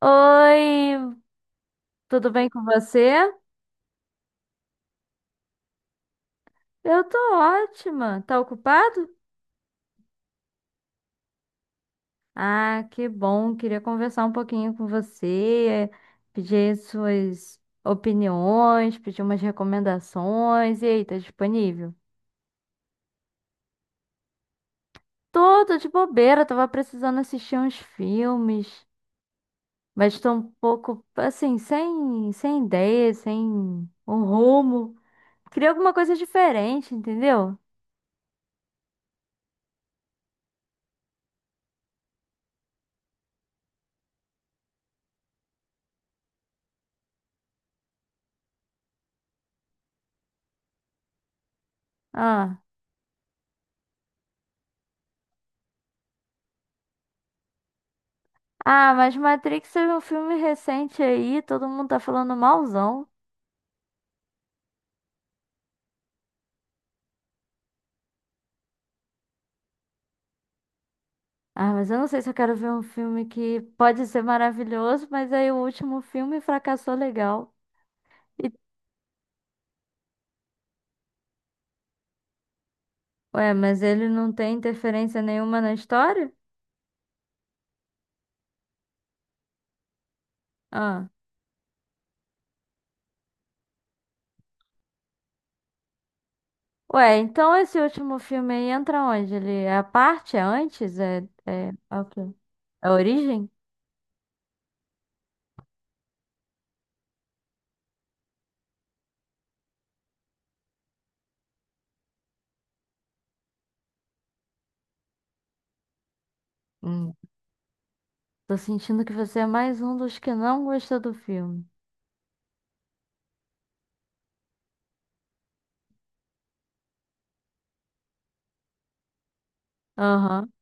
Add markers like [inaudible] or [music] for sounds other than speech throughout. Oi, tudo bem com você? Eu tô ótima. Tá ocupado? Ah, que bom. Queria conversar um pouquinho com você, pedir suas opiniões, pedir umas recomendações. E aí, tá disponível? Tô de bobeira, tava precisando assistir uns filmes, mas tô um pouco assim, sem ideia, sem um rumo. Queria alguma coisa diferente, entendeu? Ah. Ah, mas Matrix teve um filme recente aí, todo mundo tá falando malzão. Ah, mas eu não sei se eu quero ver um filme que pode ser maravilhoso, mas aí o último filme fracassou legal. E- Ué, mas ele não tem interferência nenhuma na história? Ah. Ué, então esse último filme aí entra onde? Ele é a parte? É antes? É o quê? É a origem? Hum. Tô sentindo que você é mais um dos que não gostou do filme. Aham,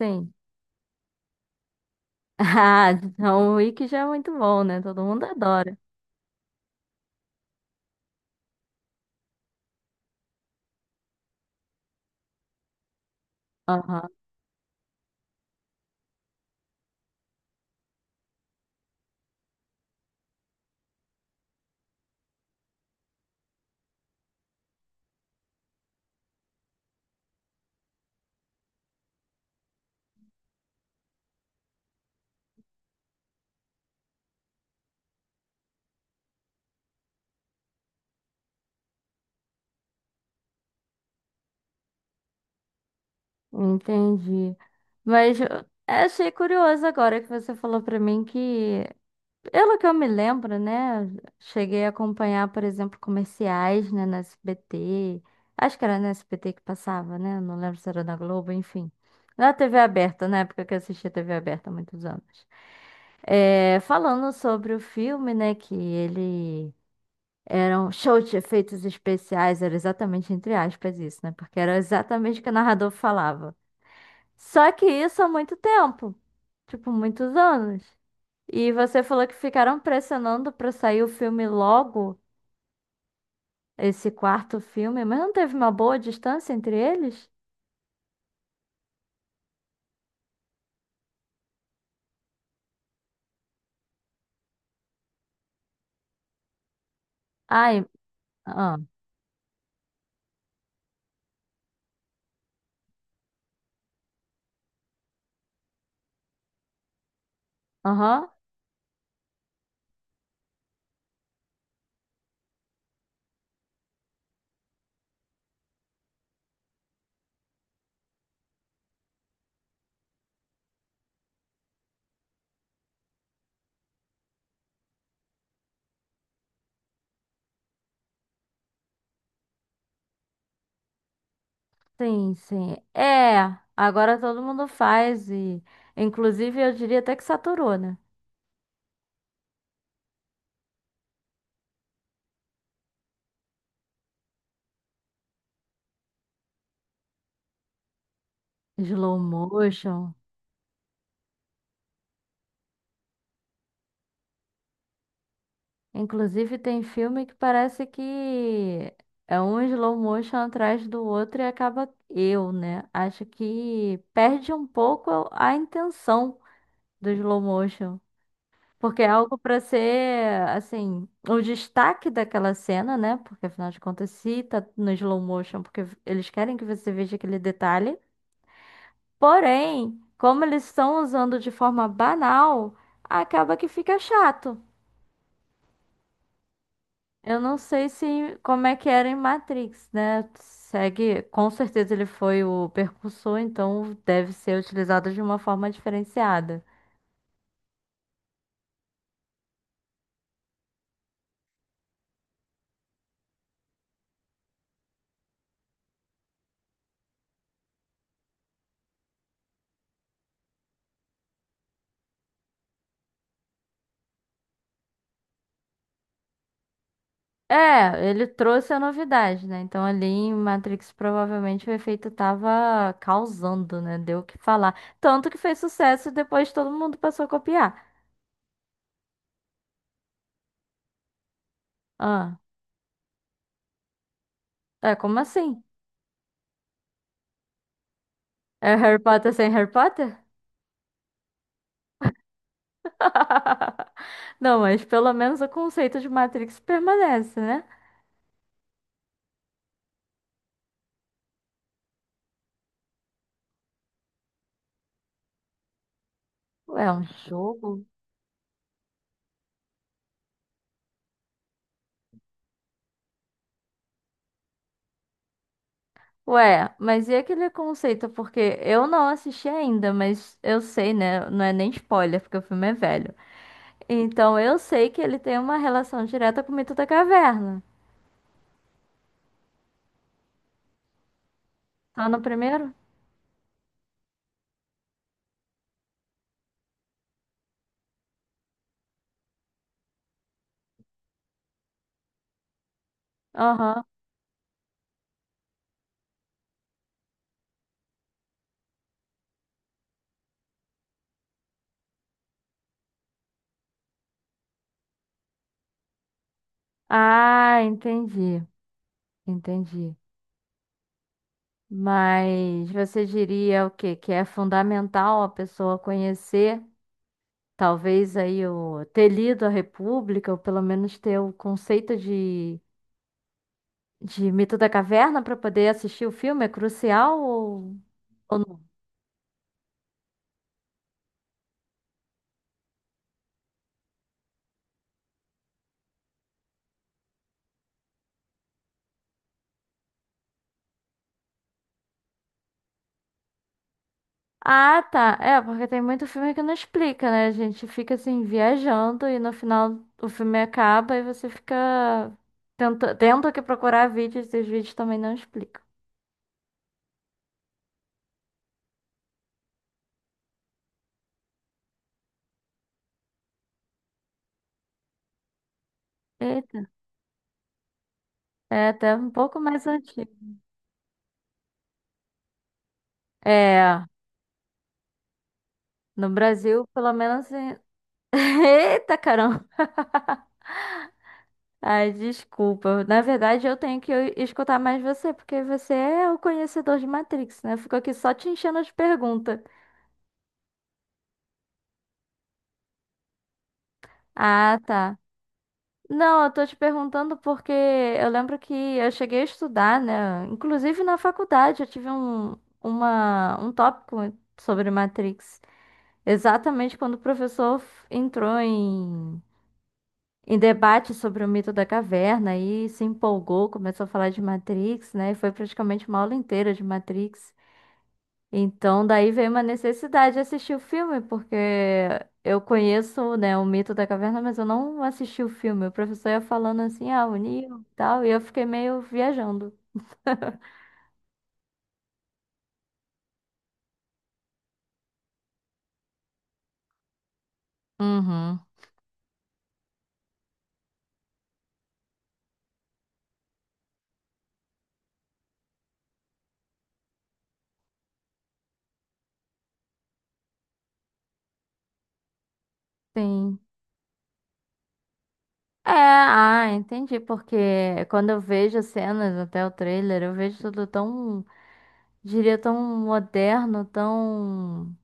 sim. Ah, então o Wiki já é muito bom, né? Todo mundo adora. Aham, entendi. Mas eu achei curioso agora que você falou pra mim que, pelo que eu me lembro, né? Cheguei a acompanhar, por exemplo, comerciais, né, na SBT. Acho que era na SBT que passava, né? Não lembro se era na Globo, enfim. Na TV aberta, na época que eu assistia TV aberta há muitos anos. É, falando sobre o filme, né? Que ele. Eram shows de efeitos especiais, era exatamente entre aspas isso, né? Porque era exatamente o que o narrador falava. Só que isso há muito tempo, tipo, muitos anos. E você falou que ficaram pressionando pra sair o filme logo, esse quarto filme, mas não teve uma boa distância entre eles? Ai, ah, aham, sim, sim. É, agora todo mundo faz e, inclusive, eu diria até que saturou, né? Slow motion. Inclusive, tem filme que parece que é um slow motion atrás do outro e acaba eu, né? Acho que perde um pouco a intenção do slow motion. Porque é algo para ser, assim, o destaque daquela cena, né? Porque afinal de contas, se tá no slow motion, porque eles querem que você veja aquele detalhe. Porém, como eles estão usando de forma banal, acaba que fica chato. Eu não sei se como é que era em Matrix, né? Segue, com certeza ele foi o percursor, então deve ser utilizado de uma forma diferenciada. É, ele trouxe a novidade, né? Então ali em Matrix provavelmente o efeito tava causando, né? Deu o que falar. Tanto que fez sucesso e depois todo mundo passou a copiar. Ah, é como assim? É Harry Potter sem Harry Potter? [laughs] Não, mas pelo menos o conceito de Matrix permanece, né? É um. Ué, mas e aquele conceito? Porque eu não assisti ainda, mas eu sei, né? Não é nem spoiler, porque o filme é velho. Então eu sei que ele tem uma relação direta com o mito da caverna. Só no primeiro? Aham. Ah, entendi. Entendi. Mas você diria o quê? Que é fundamental a pessoa conhecer, talvez aí o ter lido a República, ou pelo menos ter o conceito de Mito da Caverna para poder assistir o filme? É crucial ou não? Ah, tá. É, porque tem muito filme que não explica, né? A gente fica assim viajando e no final o filme acaba e você fica tendo que procurar vídeos e os vídeos também não explicam. Eita, é até um pouco mais antigo. É, no Brasil, pelo menos. [laughs] Eita, caramba! Ai, desculpa. Na verdade, eu tenho que escutar mais você, porque você é o conhecedor de Matrix, né? Ficou aqui só te enchendo de pergunta. Ah, tá. Não, eu tô te perguntando porque eu lembro que eu cheguei a estudar, né? Inclusive na faculdade eu tive um tópico sobre Matrix. Exatamente quando o professor entrou em, em debate sobre o mito da caverna e se empolgou, começou a falar de Matrix, né? E foi praticamente uma aula inteira de Matrix. Então, daí veio uma necessidade de assistir o filme, porque eu conheço, né, o mito da caverna, mas eu não assisti o filme. O professor ia falando assim, ah, o Neo e tal, e eu fiquei meio viajando. [laughs] Uhum, sim. É, ah, entendi, porque quando eu vejo as cenas, até o trailer, eu vejo tudo tão, diria, tão moderno, tão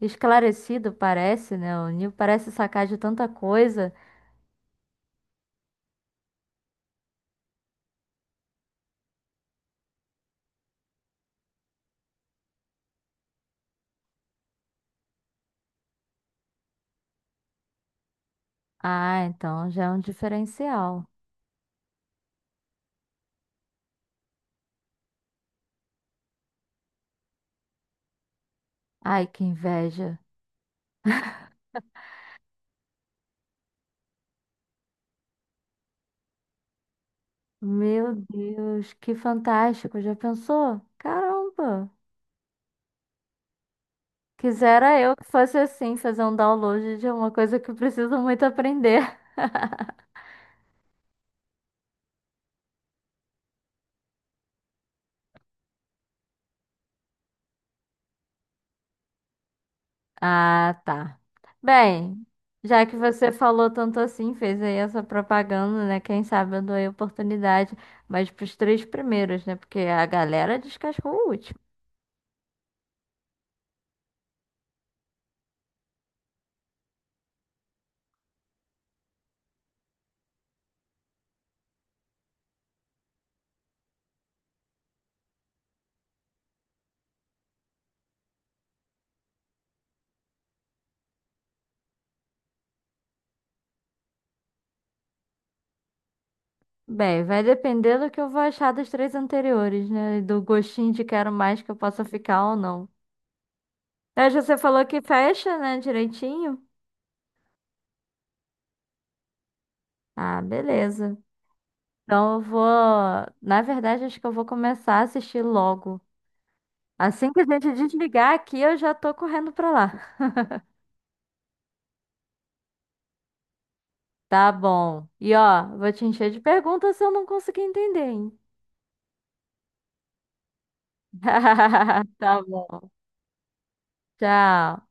esclarecido, parece, né? O Neo parece sacar de tanta coisa. Ah, então já é um diferencial. Ai, que inveja. Meu Deus, que fantástico. Já pensou? Caramba. Quisera eu que fosse assim, fazer um download de uma coisa que eu preciso muito aprender. [laughs] Ah, tá. Bem, já que você falou tanto assim, fez aí essa propaganda, né? Quem sabe eu dou aí oportunidade, mas pros três primeiros, né? Porque a galera descascou o último. Bem, vai depender do que eu vou achar dos três anteriores, né? E do gostinho de quero mais que eu possa ficar ou não. Hoje você falou que fecha, né, direitinho? Ah, beleza. Então eu vou. Na verdade, acho que eu vou começar a assistir logo. Assim que a gente [laughs] desligar aqui, eu já tô correndo pra lá. Tá bom. E ó, vou te encher de perguntas se eu não conseguir entender, hein? [laughs] Tá bom. Tchau.